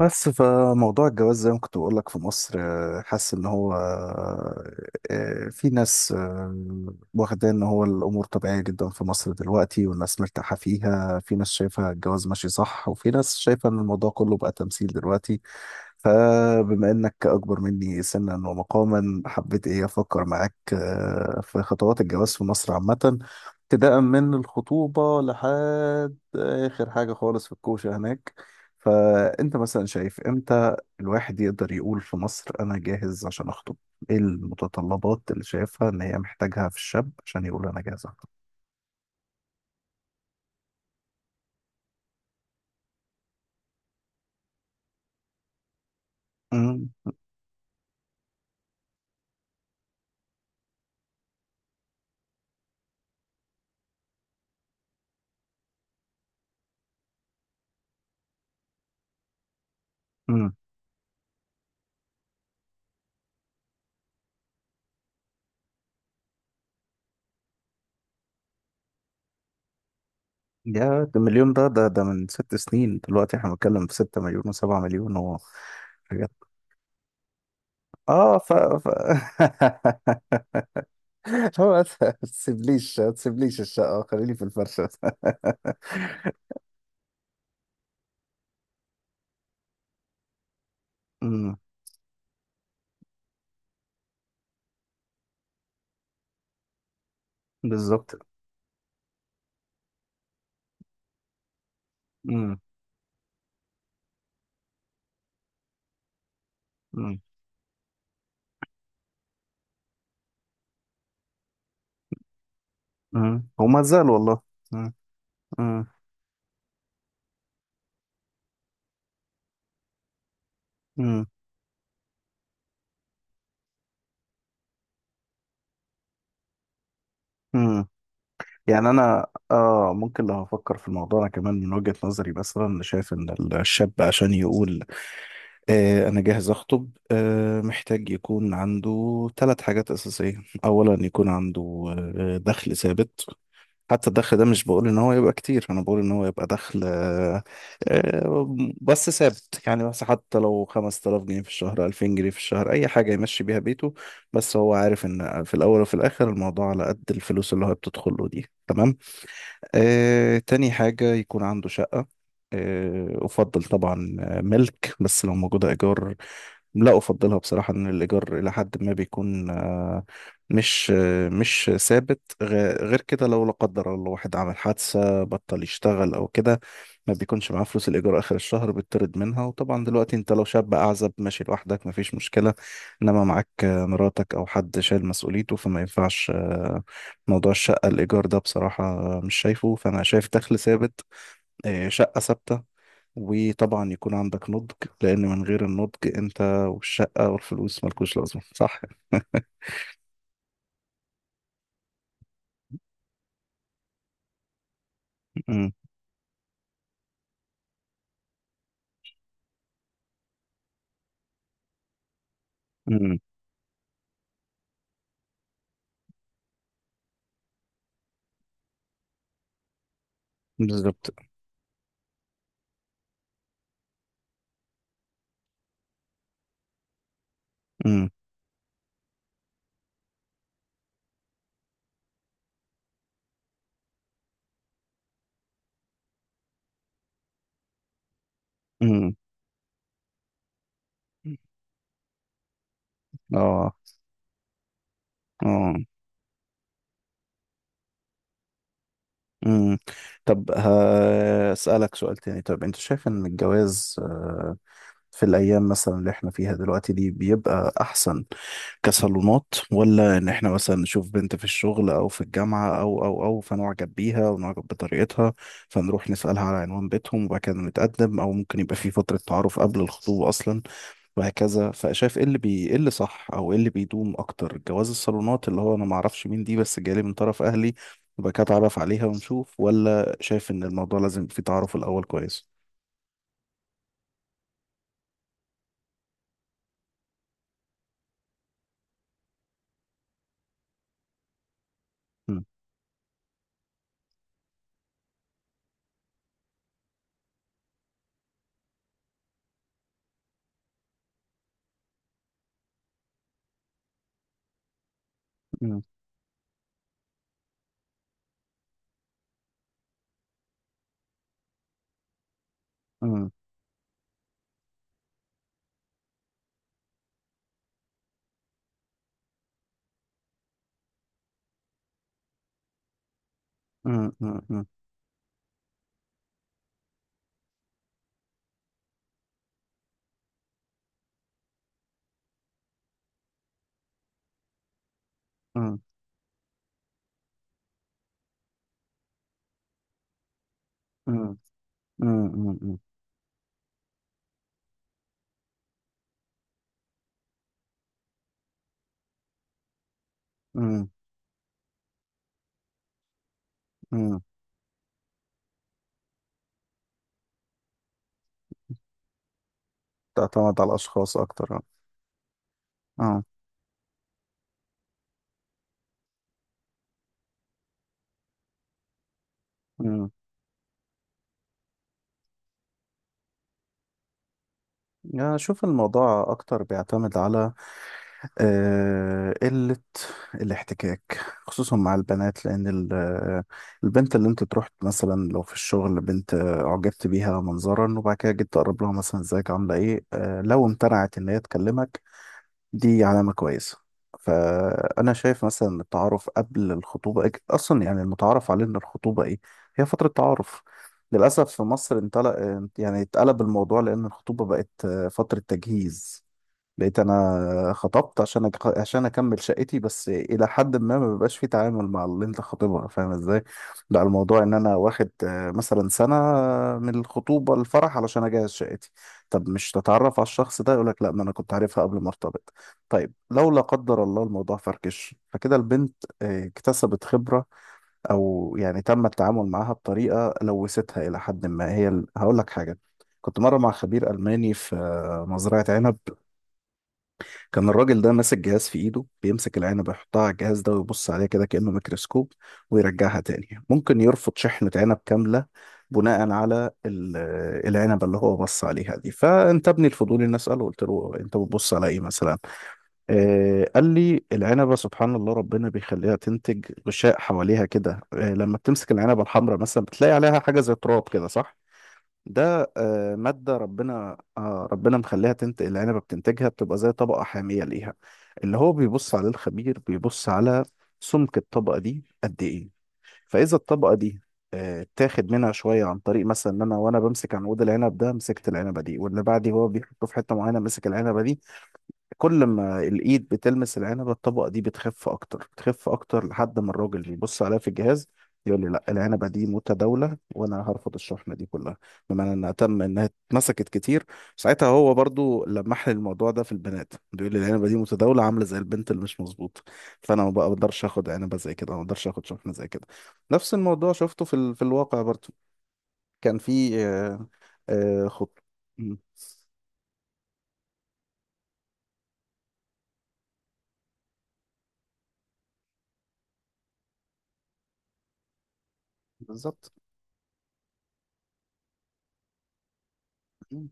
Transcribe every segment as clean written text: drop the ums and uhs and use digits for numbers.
بس فموضوع الجواز زي ما كنت بقول لك في مصر، حاسس ان هو، في ناس، واخده ان هو الامور طبيعيه جدا في مصر دلوقتي والناس مرتاحه فيها. في ناس شايفه الجواز ماشي صح، وفي ناس شايفه ان الموضوع كله بقى تمثيل دلوقتي. فبما انك اكبر مني سنا ومقاما، حبيت ايه افكر معاك في خطوات الجواز في مصر عامه، ابتداء من الخطوبه لحد اخر حاجه خالص في الكوشه هناك. فأنت مثلا شايف إمتى الواحد يقدر يقول في مصر: أنا جاهز عشان أخطب؟ إيه المتطلبات اللي شايفها إن هي محتاجها في الشاب عشان يقول أنا جاهز أخطب؟ امم. امم. يا ده مليون، ده من 6 سنين دلوقتي، إحنا بنتكلم في 6 مليون وسبعة مليون و حاجات. آه ف, ف... هو ما تسيبليش الشقة، خليني في الفرشة. امم. بالظبط. امم. امم. هما زال والله. امم. امم. امم. يعني انا ممكن لو هفكر في الموضوع، انا كمان من وجهة نظري مثلا شايف ان الشاب عشان يقول انا جاهز اخطب، محتاج يكون عنده ثلاث حاجات اساسية. اولا يكون عنده دخل ثابت. حتى الدخل ده، مش بقول ان هو يبقى كتير، انا بقول ان هو يبقى دخل آه بس ثابت. يعني بس حتى لو 5000 جنيه في الشهر، 2000 جنيه في الشهر، اي حاجة يمشي بيها بيته، بس هو عارف ان في الاول وفي الاخر الموضوع على قد الفلوس اللي هو بتدخله دي. تمام. تاني حاجة يكون عنده شقة. أفضل طبعا ملك، بس لو موجودة إيجار، لا، أفضلها بصراحة. إن الإيجار إلى حد ما بيكون مش ثابت، غير كده لو لا قدر الله واحد عمل حادثة بطل يشتغل أو كده، ما بيكونش معاه فلوس الإيجار آخر الشهر بيطرد منها. وطبعا دلوقتي أنت لو شاب أعزب ماشي لوحدك مفيش مشكلة، إنما معاك مراتك أو حد شايل مسؤوليته، فما ينفعش موضوع الشقة الإيجار ده بصراحة، مش شايفه. فأنا شايف دخل ثابت، شقة ثابتة، وطبعا يكون عندك نضج. لأن من غير النضج، أنت والشقة والفلوس ملكوش لازمة، صح؟ أمم. أمم. بالظبط. أمم. أمم. آه. آه. أمم. طب هسألك سؤال تاني. طب أنت شايف إن الجواز في الأيام مثلا اللي إحنا فيها دلوقتي دي بيبقى أحسن كصالونات، ولا ان احنا مثلا نشوف بنت في الشغل او في الجامعة او فنعجب بيها ونعجب بطريقتها، فنروح نسألها على عنوان بيتهم وبعد كده نتقدم، او ممكن يبقى في فترة تعارف قبل الخطوبة اصلا وهكذا. فشايف ايه اللي بي ايه اللي صح او ايه اللي بيدوم اكتر؟ جواز الصالونات اللي هو انا ما اعرفش مين دي بس جالي من طرف اهلي وبعد كده اتعرف عليها ونشوف، ولا شايف ان الموضوع لازم يبقى فيه تعارف الاول كويس؟ مم. مم. مم. مم. مم. مم. مم. مم. مم. مم. تعتمد على الأشخاص أكتر، اه. آه. أمم. يعني أشوف الموضوع أكتر بيعتمد على قلة الاحتكاك، خصوصا مع البنات. لأن البنت اللي أنت تروح مثلا لو في الشغل بنت أعجبت بيها منظرا، وبعد كده جيت تقرب لها مثلا، إزيك عاملة إيه لو امتنعت إن هي تكلمك، دي علامة كويسة. فأنا شايف مثلا إن التعارف قبل الخطوبة أصلا، يعني المتعارف عليه إن الخطوبة إيه؟ هي فترة تعارف. للأسف في مصر انطلق، يعني اتقلب الموضوع، لأن الخطوبة بقت فترة تجهيز. بقيت انا خطبت عشان اكمل شقتي بس، الى حد ما ما بيبقاش في تعامل مع اللي انت خاطبها، فاهم ازاي؟ لا، الموضوع ان انا واخد مثلا سنه من الخطوبه الفرح علشان اجهز شقتي. طب مش تتعرف على الشخص ده؟ يقول لك لا، ما انا كنت عارفها قبل ما ارتبط. طيب لو لا قدر الله الموضوع فركش، فكده البنت اكتسبت خبره، او يعني تم التعامل معاها بطريقه لوثتها الى حد ما. هي هقول لك حاجه. كنت مره مع خبير الماني في مزرعه عنب. كان الراجل ده ماسك جهاز في ايده، بيمسك العنبة يحطها على الجهاز ده ويبص عليها كده، كأنه ميكروسكوب، ويرجعها تاني. ممكن يرفض شحنة عنب كاملة بناء على العنبة اللي هو بص عليها دي. فانتابني الفضول اني اسأله، قلت له: انت بتبص على ايه مثلا؟ قال لي: العنبة سبحان الله ربنا بيخليها تنتج غشاء حواليها كده، لما بتمسك العنبة الحمراء مثلا بتلاقي عليها حاجة زي تراب كده، صح؟ ده مادة ربنا مخليها تنتج. العنبة بتنتجها، بتبقى زي طبقة حامية ليها. اللي هو بيبص عليه الخبير، بيبص على سمك الطبقة دي قد ايه. فإذا الطبقة دي تاخد منها شوية، عن طريق مثلا إن أنا وأنا بمسك عنقود العنب ده مسكت العنبة دي، واللي بعدي هو بيحطه في حتة معينة مسك العنبة دي، كل ما الايد بتلمس العنبه الطبقه دي بتخف اكتر، بتخف اكتر، لحد ما الراجل يبص عليها في الجهاز يقول لي: لا، العنبه دي متداوله وانا هرفض الشحنه دي كلها. بمعنى انها اتمسكت كتير. ساعتها هو برضو لمح لي الموضوع ده في البنات، بيقول لي العنبه دي متداوله، عامله زي البنت اللي مش مظبوطه، فانا ما بقدرش اخد عنبه زي كده، ما بقدرش اخد شحنه زي كده. نفس الموضوع شفته في الواقع برضو. كان في خط. مم. بالظبط. مم.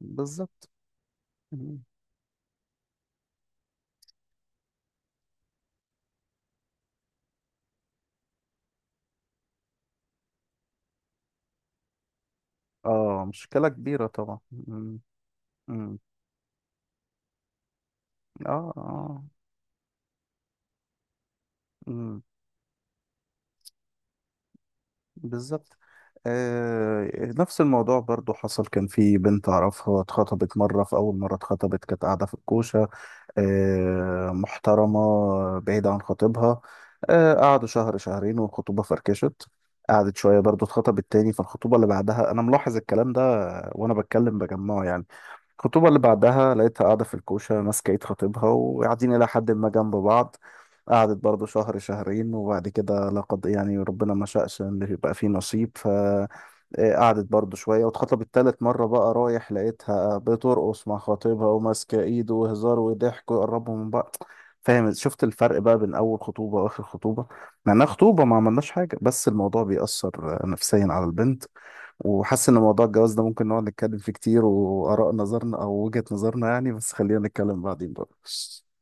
بالظبط. اه، مشكلة كبيرة طبعا. مم. مم. اه اه. مم. بالظبط. آه. نفس الموضوع برضو حصل. كان في بنت اعرفها اتخطبت مرة. في اول مرة اتخطبت كانت قاعدة في الكوشة، محترمة، بعيدة عن خطيبها. قعدوا شهر شهرين والخطوبة فركشت. قعدت شوية برضو، اتخطبت تاني. فالخطوبة اللي بعدها انا ملاحظ الكلام ده وانا بتكلم بجمعه يعني. الخطوبة اللي بعدها لقيتها قاعدة في الكوشة ماسكة ايد خطيبها، وقاعدين إلى حد ما جنب بعض. قعدت برضو شهر شهرين وبعد كده، لقد يعني ربنا ما شاءش إن يبقى فيه نصيب. ف آه، قعدت برضو شوية واتخطبت تالت مرة. بقى رايح لقيتها بترقص مع خطيبها وماسكة ايده وهزار وضحك ويقربوا من بعض. فاهم؟ شفت الفرق بقى بين أول خطوبة وآخر خطوبة؟ مع إنها خطوبة ما عملناش حاجة، بس الموضوع بيأثر نفسيا على البنت. وحاسس ان موضوع الجواز ده ممكن نقعد نتكلم فيه كتير، واراء نظرنا او وجهة نظرنا يعني، بس خلينا نتكلم بعدين بقى.